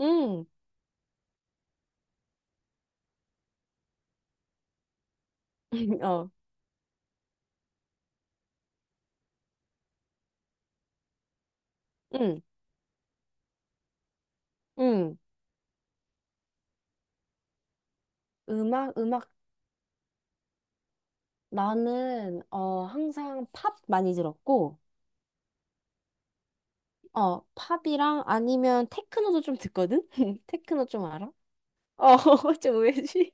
응, 어, 응, 응. 음악, 음악. 나는, 항상 팝 많이 들었고, 팝이랑 아니면 테크노도 좀 듣거든? 테크노 좀 알아? 어, 좀 왜지?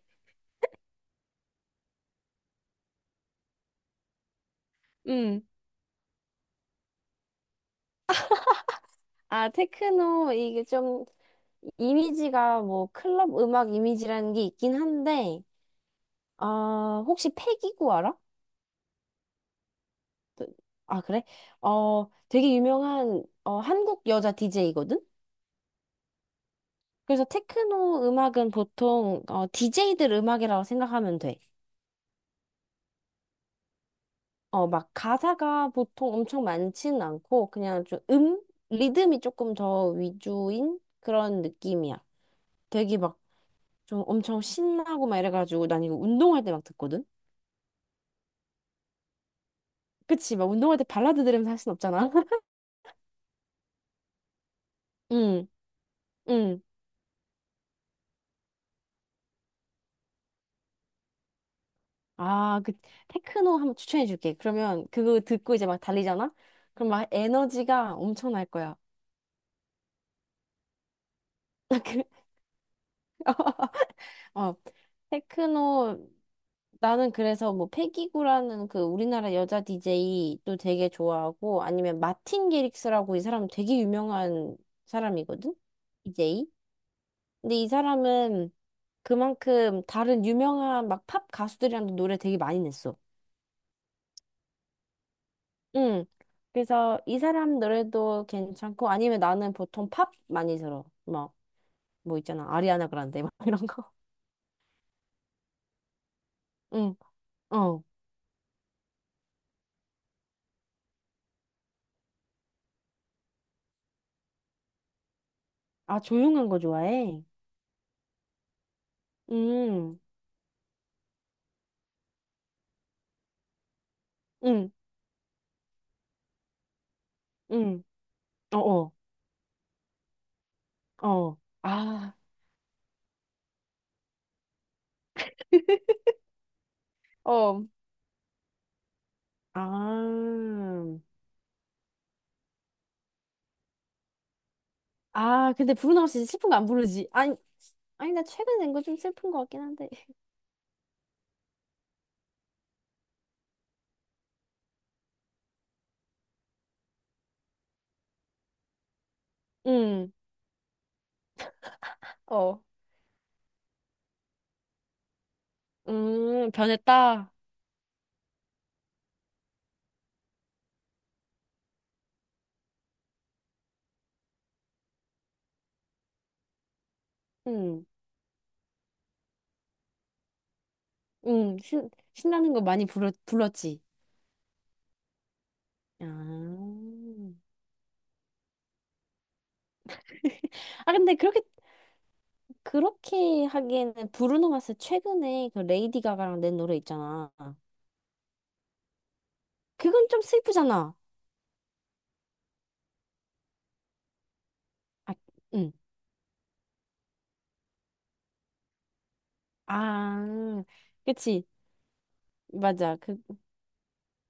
음 아, 테크노, 이게 좀, 이미지가 뭐, 클럽 음악 이미지라는 게 있긴 한데, 아 혹시 패기구 알아? 그- 아, 그래? 어, 되게 유명한, 어, 한국 여자 DJ거든? 그래서 테크노 음악은 보통 DJ들 음악이라고 생각하면 돼. 어, 막 가사가 보통 엄청 많진 않고 그냥 좀 리듬이 조금 더 위주인 그런 느낌이야. 되게 막 좀 엄청 신나고 막 이래가지고 난 이거 운동할 때 막 듣거든? 그치, 막 운동할 때 발라드 들으면 서 할 순 없잖아. 응, 응. 아, 그 테크노 한번 추천해 줄게. 그러면 그거 듣고 이제 막 달리잖아? 그럼 막 에너지가 엄청날 거야. 그- 어. 어. 테크노 나는 그래서 뭐 패기구라는 그 우리나라 여자 DJ도 되게 좋아하고 아니면 마틴 게릭스라고 이 사람 되게 유명한 사람이거든? DJ? 근데 이 사람은 그만큼 다른 유명한 막 팝 가수들이랑도 노래 되게 많이 냈어. 응. 그래서 이 사람 노래도 괜찮고 아니면 나는 보통 팝 많이 들어. 막 뭐 있잖아. 아리아나 그란데 막 이런 거. 응. 어. 아, 조용한 거 좋아해? 음. 응. 응. 어어. 어. 아, 어, 아. 아, 근데 브루노가 진 슬픈 거 안 부르지. 아니, 아니, 나 최근에 낸 거 좀 슬픈 거 같긴 한데. 응, 어, 변했다. 음, 신나는 거 많이 불러, 불렀지. 아. 아, 근데 그렇게, 그렇게 하기에는 브루노 마스 최근에 그 레이디 가가랑 낸 노래 있잖아. 그건 좀 슬프잖아. 아, 응. 아, 그치. 맞아.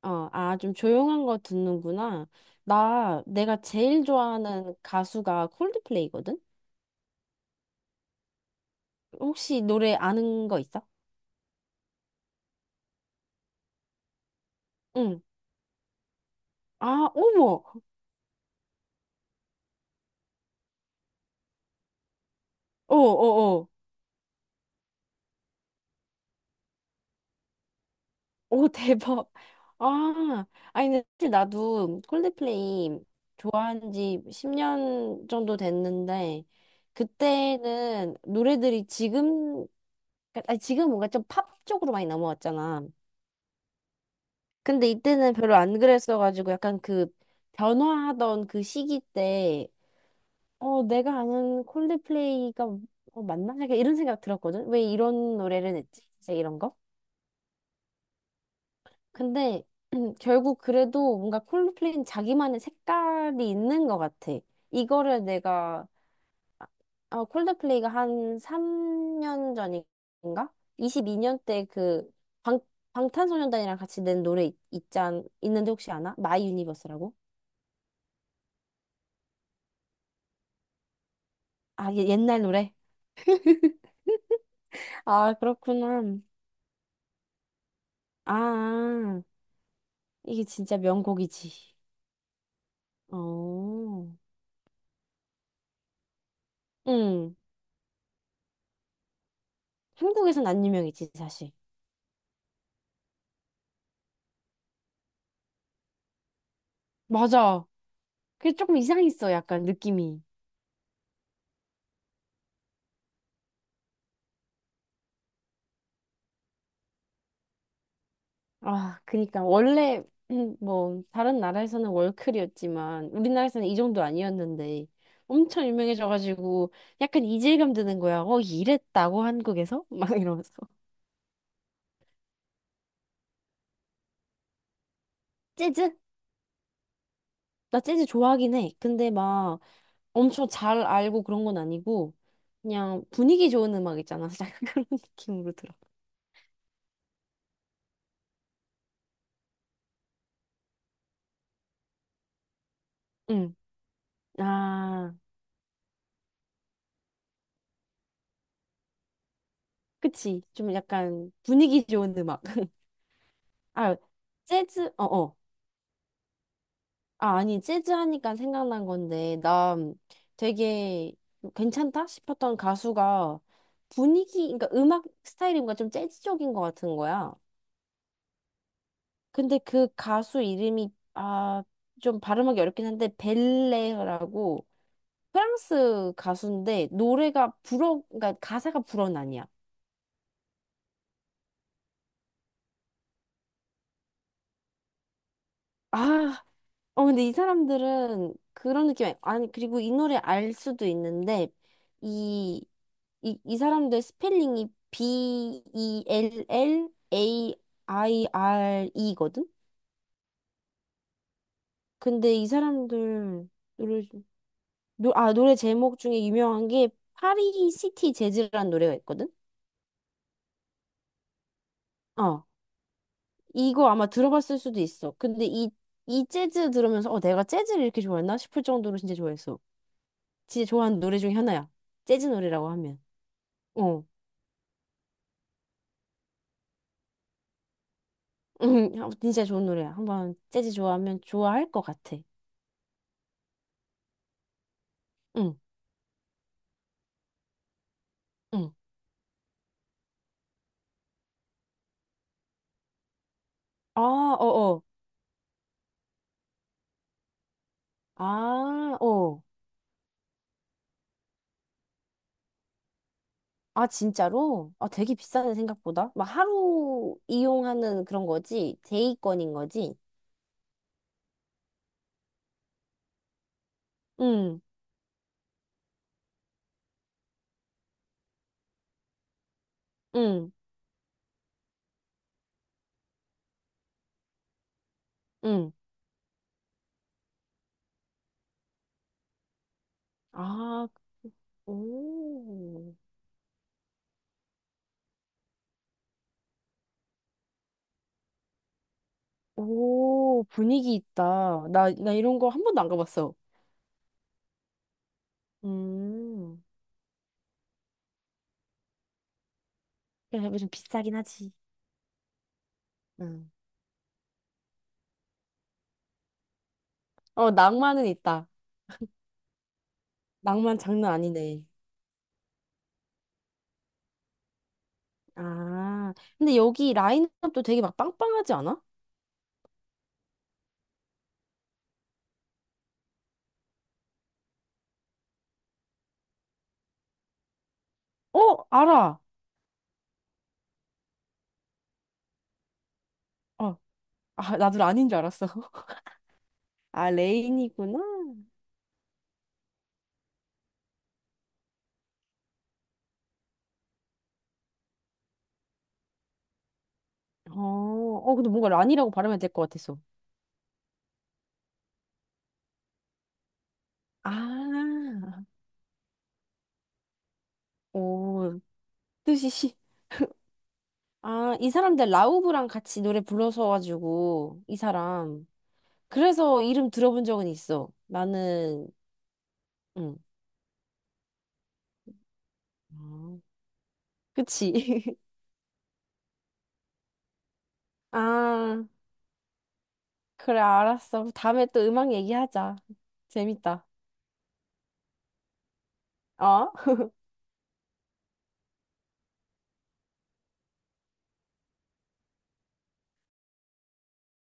어, 아, 좀 조용한 거 듣는구나. 내가 제일 좋아하는 가수가 콜드플레이거든? 혹시 노래 아는 거 있어? 응. 아, 어머! 어, 어, 어. 오, 대박. 아, 아니, 근데 사실 나도 콜드플레이 좋아한 지 10년 정도 됐는데, 그때는 노래들이 지금, 아니, 지금 뭔가 좀 팝 쪽으로 많이 넘어왔잖아. 근데 이때는 별로 안 그랬어가지고 약간 그 변화하던 그 시기 때, 어, 내가 아는 콜드플레이가 어, 맞나? 약간 이런 생각 들었거든? 왜 이런 노래를 냈지? 진짜 이런 거? 근데 결국 그래도 뭔가 콜드플레이는 자기만의 색깔이 있는 것 같아. 이거를 내가, 어, 콜드플레이가 한 3년 전인가? 22년 때그 방탄소년단이랑 같이 낸 노래 있는데 혹시 아나? 마이 유니버스라고? 아, 옛날 노래? 아, 그렇구나. 아, 아. 이게 진짜 명곡이지. 어. 응. 한국에선 안 유명했지, 사실. 맞아. 그게 조금 이상했어, 약간 느낌이. 아, 그니까. 원래, 뭐, 다른 나라에서는 월클이었지만, 우리나라에서는 이 정도 아니었는데, 엄청 유명해져가지고, 약간 이질감 드는 거야. 어, 이랬다고, 한국에서? 막 이러면서. 재즈? 나 재즈 좋아하긴 해. 근데 막 엄청 잘 알고 그런 건 아니고 그냥 분위기 좋은 음악 있잖아. 약간 그런 느낌으로 들어. 응. 아, 그치. 좀 약간 분위기 좋은 음악. 아, 재즈, 어어. 아, 아니, 재즈 하니까 생각난 건데, 나 되게 괜찮다 싶었던 가수가 분위기, 그러니까 음악 스타일이 뭔가 좀 재즈적인 것 같은 거야. 근데 그 가수 이름이 아, 좀 발음하기 어렵긴 한데 벨레라고 프랑스 가수인데 노래가 불어 그러니까 가사가 불어는 아니야. 아, 어 근데 이 사람들은 그런 느낌 아니 그리고 이 노래 알 수도 있는데 이 이 사람들 스펠링이 B E L L A I R E거든. 근데 이 사람들 노래 노래 제목 중에 유명한 게 파리 시티 재즈라는 노래가 있거든? 어. 이거 아마 들어봤을 수도 있어. 이 재즈 들으면서 어, 내가 재즈를 이렇게 좋아했나 싶을 정도로 진짜 좋아했어. 진짜 좋아하는 노래 중에 하나야. 재즈 노래라고 하면. 어. 아, 진짜 좋은 노래야. 한번 재즈 좋아하면 좋아할 것 같아. 응, 응. 아, 어어. 아, 어. 아, 진짜로? 아, 되게 비싸네, 생각보다. 막 하루 이용하는 그런 거지? 데이권인 거지? 응. 응. 응. 아, 오. 오, 분위기 있다. 나 이런 거 한 번도 안 가봤어. 음. 그래 좀 비싸긴 하지. 응. 어, 낭만은 있다. 낭만 장난 아니네. 아, 근데 여기 라인업도 되게 막 빵빵하지 않아? 어, 알아. 어, 아, 나도 란인 줄 알았어. 아, 레인이구나. 어, 어, 근데 뭔가 란이라고 발음해야 될 것 같았어. 아, 오, 뜻이 시, 아, 이 사람들 라우브랑 같이 노래 불러서 가지고 이 사람. 그래서 이름 들어본 적은 있어. 나는 응. 아, 그치. 아, 그래 알았어. 다음에 또 음악 얘기하자. 재밌다. 어?